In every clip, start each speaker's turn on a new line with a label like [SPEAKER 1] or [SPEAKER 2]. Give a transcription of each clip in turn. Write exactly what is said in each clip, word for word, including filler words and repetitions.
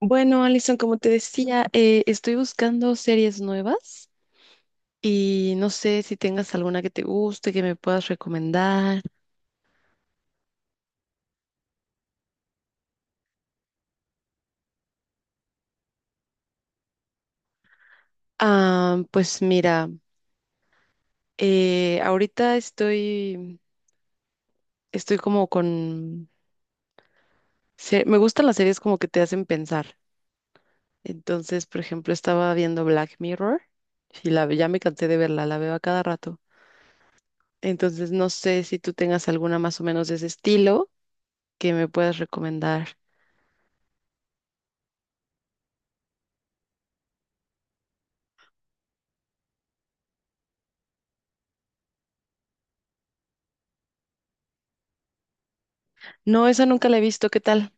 [SPEAKER 1] Bueno, Alison, como te decía, eh, estoy buscando series nuevas y no sé si tengas alguna que te guste, que me puedas recomendar. Ah, pues mira, eh, ahorita estoy, estoy como con... se- me gustan las series como que te hacen pensar. Entonces, por ejemplo, estaba viendo Black Mirror y la, ya me cansé de verla, la veo a cada rato. Entonces, no sé si tú tengas alguna más o menos de ese estilo que me puedas recomendar. No, esa nunca la he visto, ¿qué tal?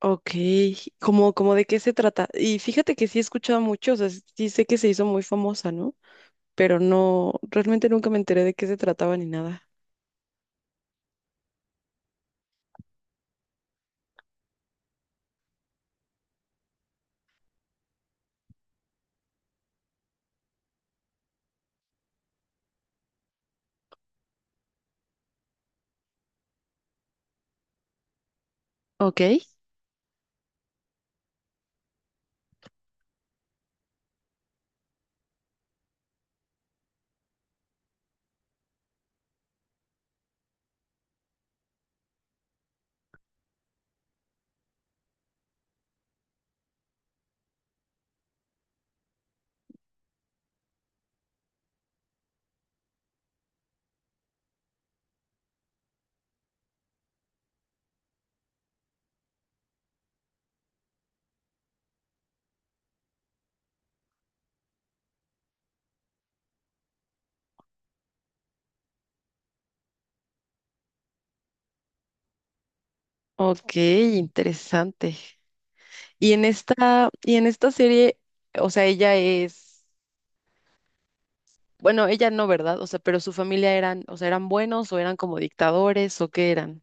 [SPEAKER 1] Ok, como, como de qué se trata. Y fíjate que sí he escuchado mucho, o sea, sí sé que se hizo muy famosa, ¿no? Pero no, realmente nunca me enteré de qué se trataba ni nada. Ok, ok, interesante. Y en esta, y en esta serie, o sea, ella es, bueno, ella no, ¿verdad? O sea, pero su familia eran, o sea, eran buenos o eran como dictadores o qué eran.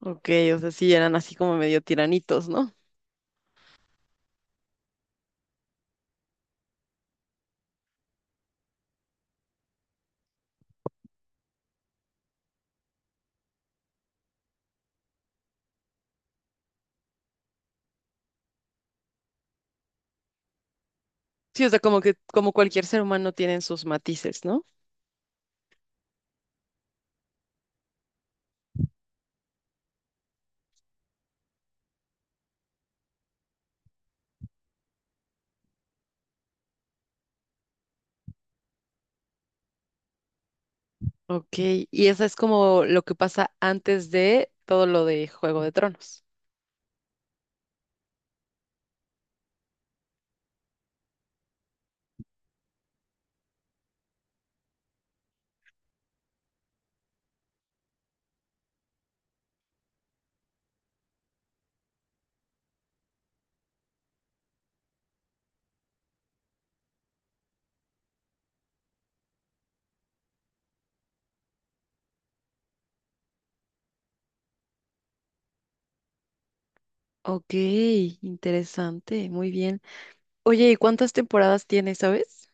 [SPEAKER 1] Ok, o sea, sí eran así como medio tiranitos, ¿no? Sí, o sea, como que, como cualquier ser humano tienen sus matices, ¿no? Ok, y esa es como lo que pasa antes de todo lo de Juego de Tronos. Ok, interesante, muy bien. Oye, ¿y cuántas temporadas tiene, sabes?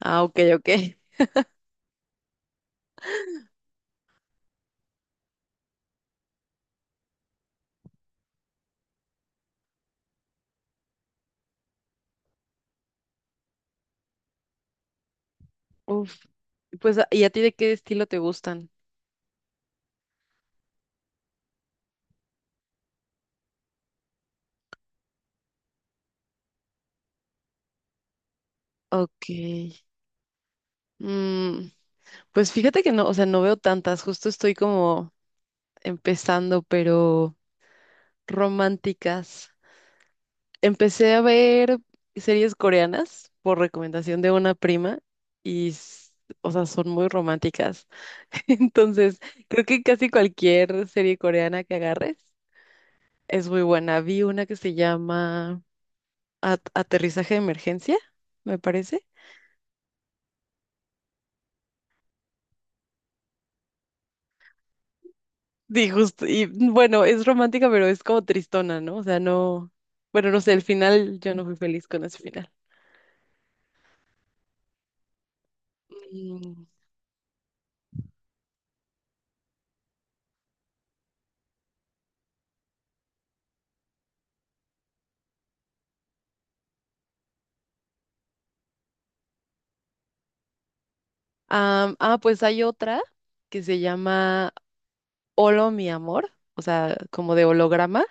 [SPEAKER 1] Ah, ok, ok. Uf, pues, ¿a- ¿y a ti de qué estilo te gustan? Ok. Mm, pues fíjate que no, o sea, no veo tantas, justo estoy como empezando, pero románticas. Empecé a ver series coreanas por recomendación de una prima y, s- o sea, son muy románticas. Entonces, creo que casi cualquier serie coreana que agarres es muy buena. Vi una que se llama A- Aterrizaje de Emergencia, me parece. Y justo, y bueno, es romántica, pero es como tristona, ¿no? O sea, no, bueno, no sé, el final, yo no fui feliz con ese final. Mm. Am, ah, pues hay otra que se llama Holo, mi amor, o sea, como de holograma.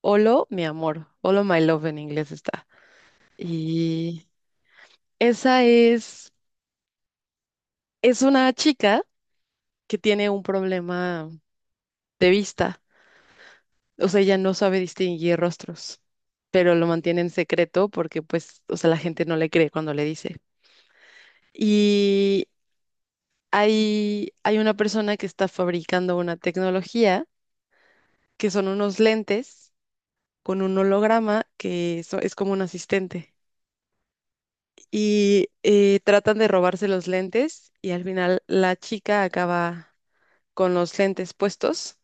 [SPEAKER 1] Holo, mi amor. Holo, my love en inglés está. Y esa es, es una chica que tiene un problema de vista. O sea, ella no sabe distinguir rostros, pero lo mantiene en secreto porque, pues, o sea, la gente no le cree cuando le dice. Y hay, hay una persona que está fabricando una tecnología que son unos lentes con un holograma que so- es como un asistente. Y eh, tratan de robarse los lentes y al final la chica acaba con los lentes puestos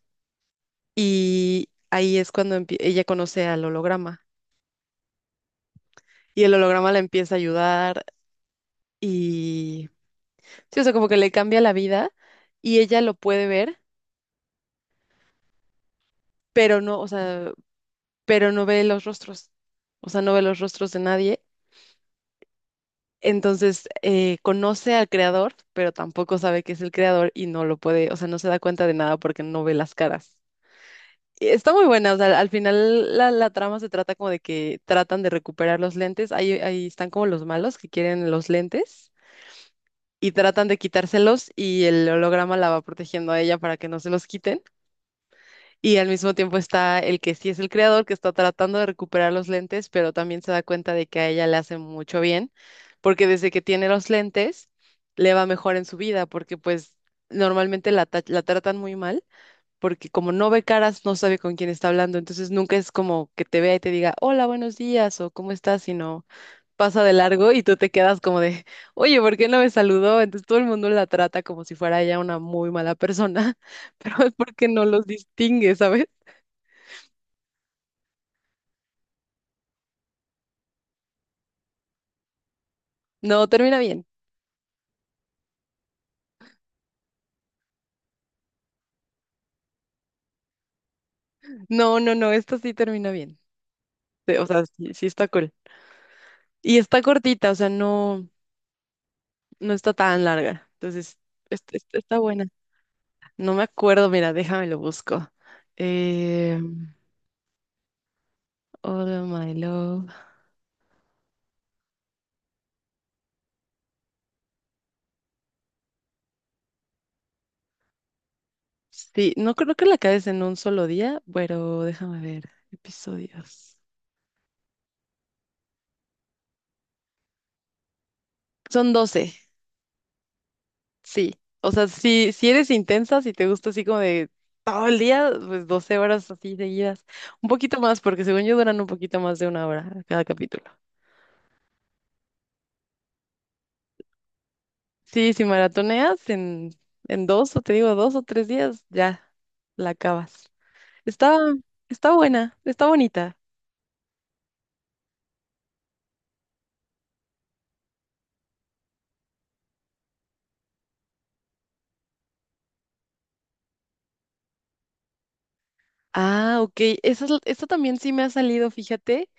[SPEAKER 1] y ahí es cuando empie- ella conoce al holograma y el holograma la empieza a ayudar y sí, o sea, como que le cambia la vida y ella lo puede ver, pero no, o sea, pero no ve los rostros, o sea, no ve los rostros de nadie. Entonces eh, conoce al creador, pero tampoco sabe que es el creador y no lo puede, o sea, no se da cuenta de nada porque no ve las caras. Está muy buena, o sea, al final la, la trama se trata como de que tratan de recuperar los lentes, ahí, ahí están como los malos que quieren los lentes y tratan de quitárselos y el holograma la va protegiendo a ella para que no se los quiten y al mismo tiempo está el que sí es el creador que está tratando de recuperar los lentes, pero también se da cuenta de que a ella le hace mucho bien porque desde que tiene los lentes le va mejor en su vida porque pues normalmente la, ta- la tratan muy mal porque como no ve caras, no sabe con quién está hablando, entonces nunca es como que te vea y te diga, hola, buenos días o cómo estás, sino pasa de largo y tú te quedas como de, oye, ¿por qué no me saludó? Entonces todo el mundo la trata como si fuera ella una muy mala persona, pero es porque no los distingue, ¿sabes? No, termina bien. No, no, no, esta sí termina bien. Sí, o sea, sí, sí está cool. Y está cortita, o sea, no, no está tan larga. Entonces, est- est- está buena. No me acuerdo, mira, déjame lo busco. Em, All my love. Sí, no creo que la acabes en un solo día, pero déjame ver. Episodios. Son doce, sí. O sea, si, si eres intensa, si te gusta así como de todo el día, pues doce horas así seguidas. Un poquito más, porque según yo duran un poquito más de una hora cada capítulo. Sí, si maratoneas en, en dos, o te digo dos o tres días, ya la acabas. Está, está buena, está bonita. Ah, ok. Esa, es- esta también sí me ha salido, fíjate.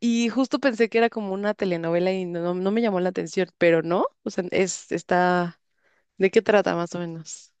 [SPEAKER 1] Y justo pensé que era como una telenovela y no, no me llamó la atención, pero no, o sea, es, está, ¿de qué trata más o menos?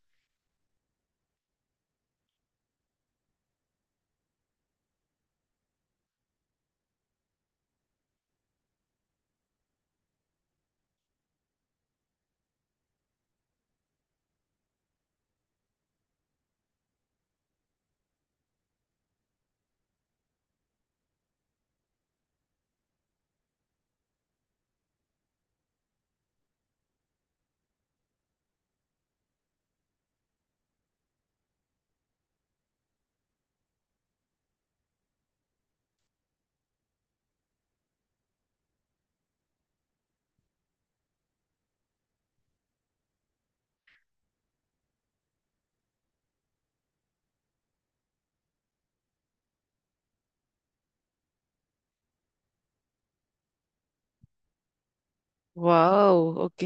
[SPEAKER 1] Wow, ok,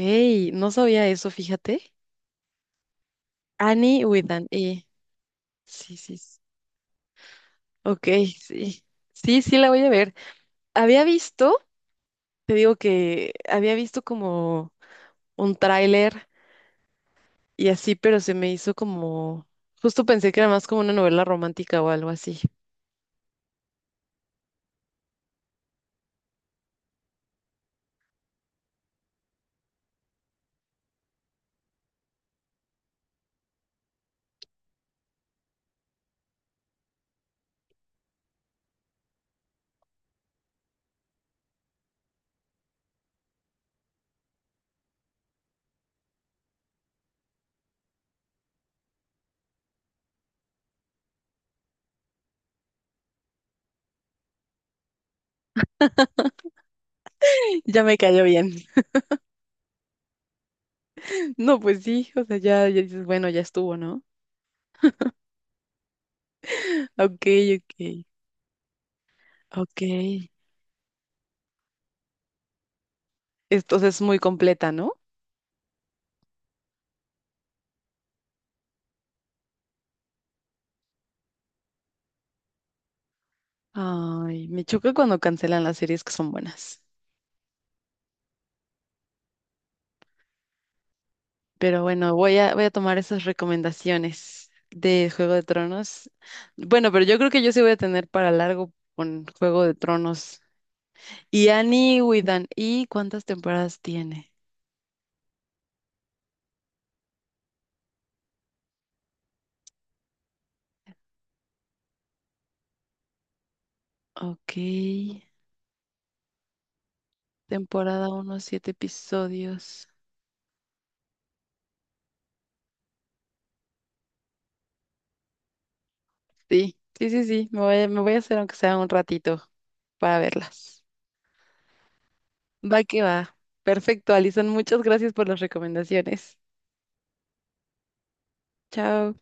[SPEAKER 1] no sabía eso, fíjate. Annie with an E. Sí, sí, sí. Ok, sí. Sí, sí, la voy a ver. Había visto, te digo que había visto como un tráiler y así, pero se me hizo como, justo pensé que era más como una novela romántica o algo así. Ya me cayó bien. No, pues sí, o sea, ya, ya dices, bueno, ya estuvo, ¿no? Ok, ok, ok. Entonces es muy completa, ¿no? Ay, me choca cuando cancelan las series que son buenas. Pero bueno, voy a, voy a tomar esas recomendaciones de Juego de Tronos. Bueno, pero yo creo que yo sí voy a tener para largo con Juego de Tronos. Y Annie Widan, ¿y cuántas temporadas tiene? Ok, temporada uno, siete episodios. Sí, sí, sí, sí, me voy, a- me voy a hacer aunque sea un ratito para verlas. Va que va. Perfecto, Alison. Muchas gracias por las recomendaciones. Chao.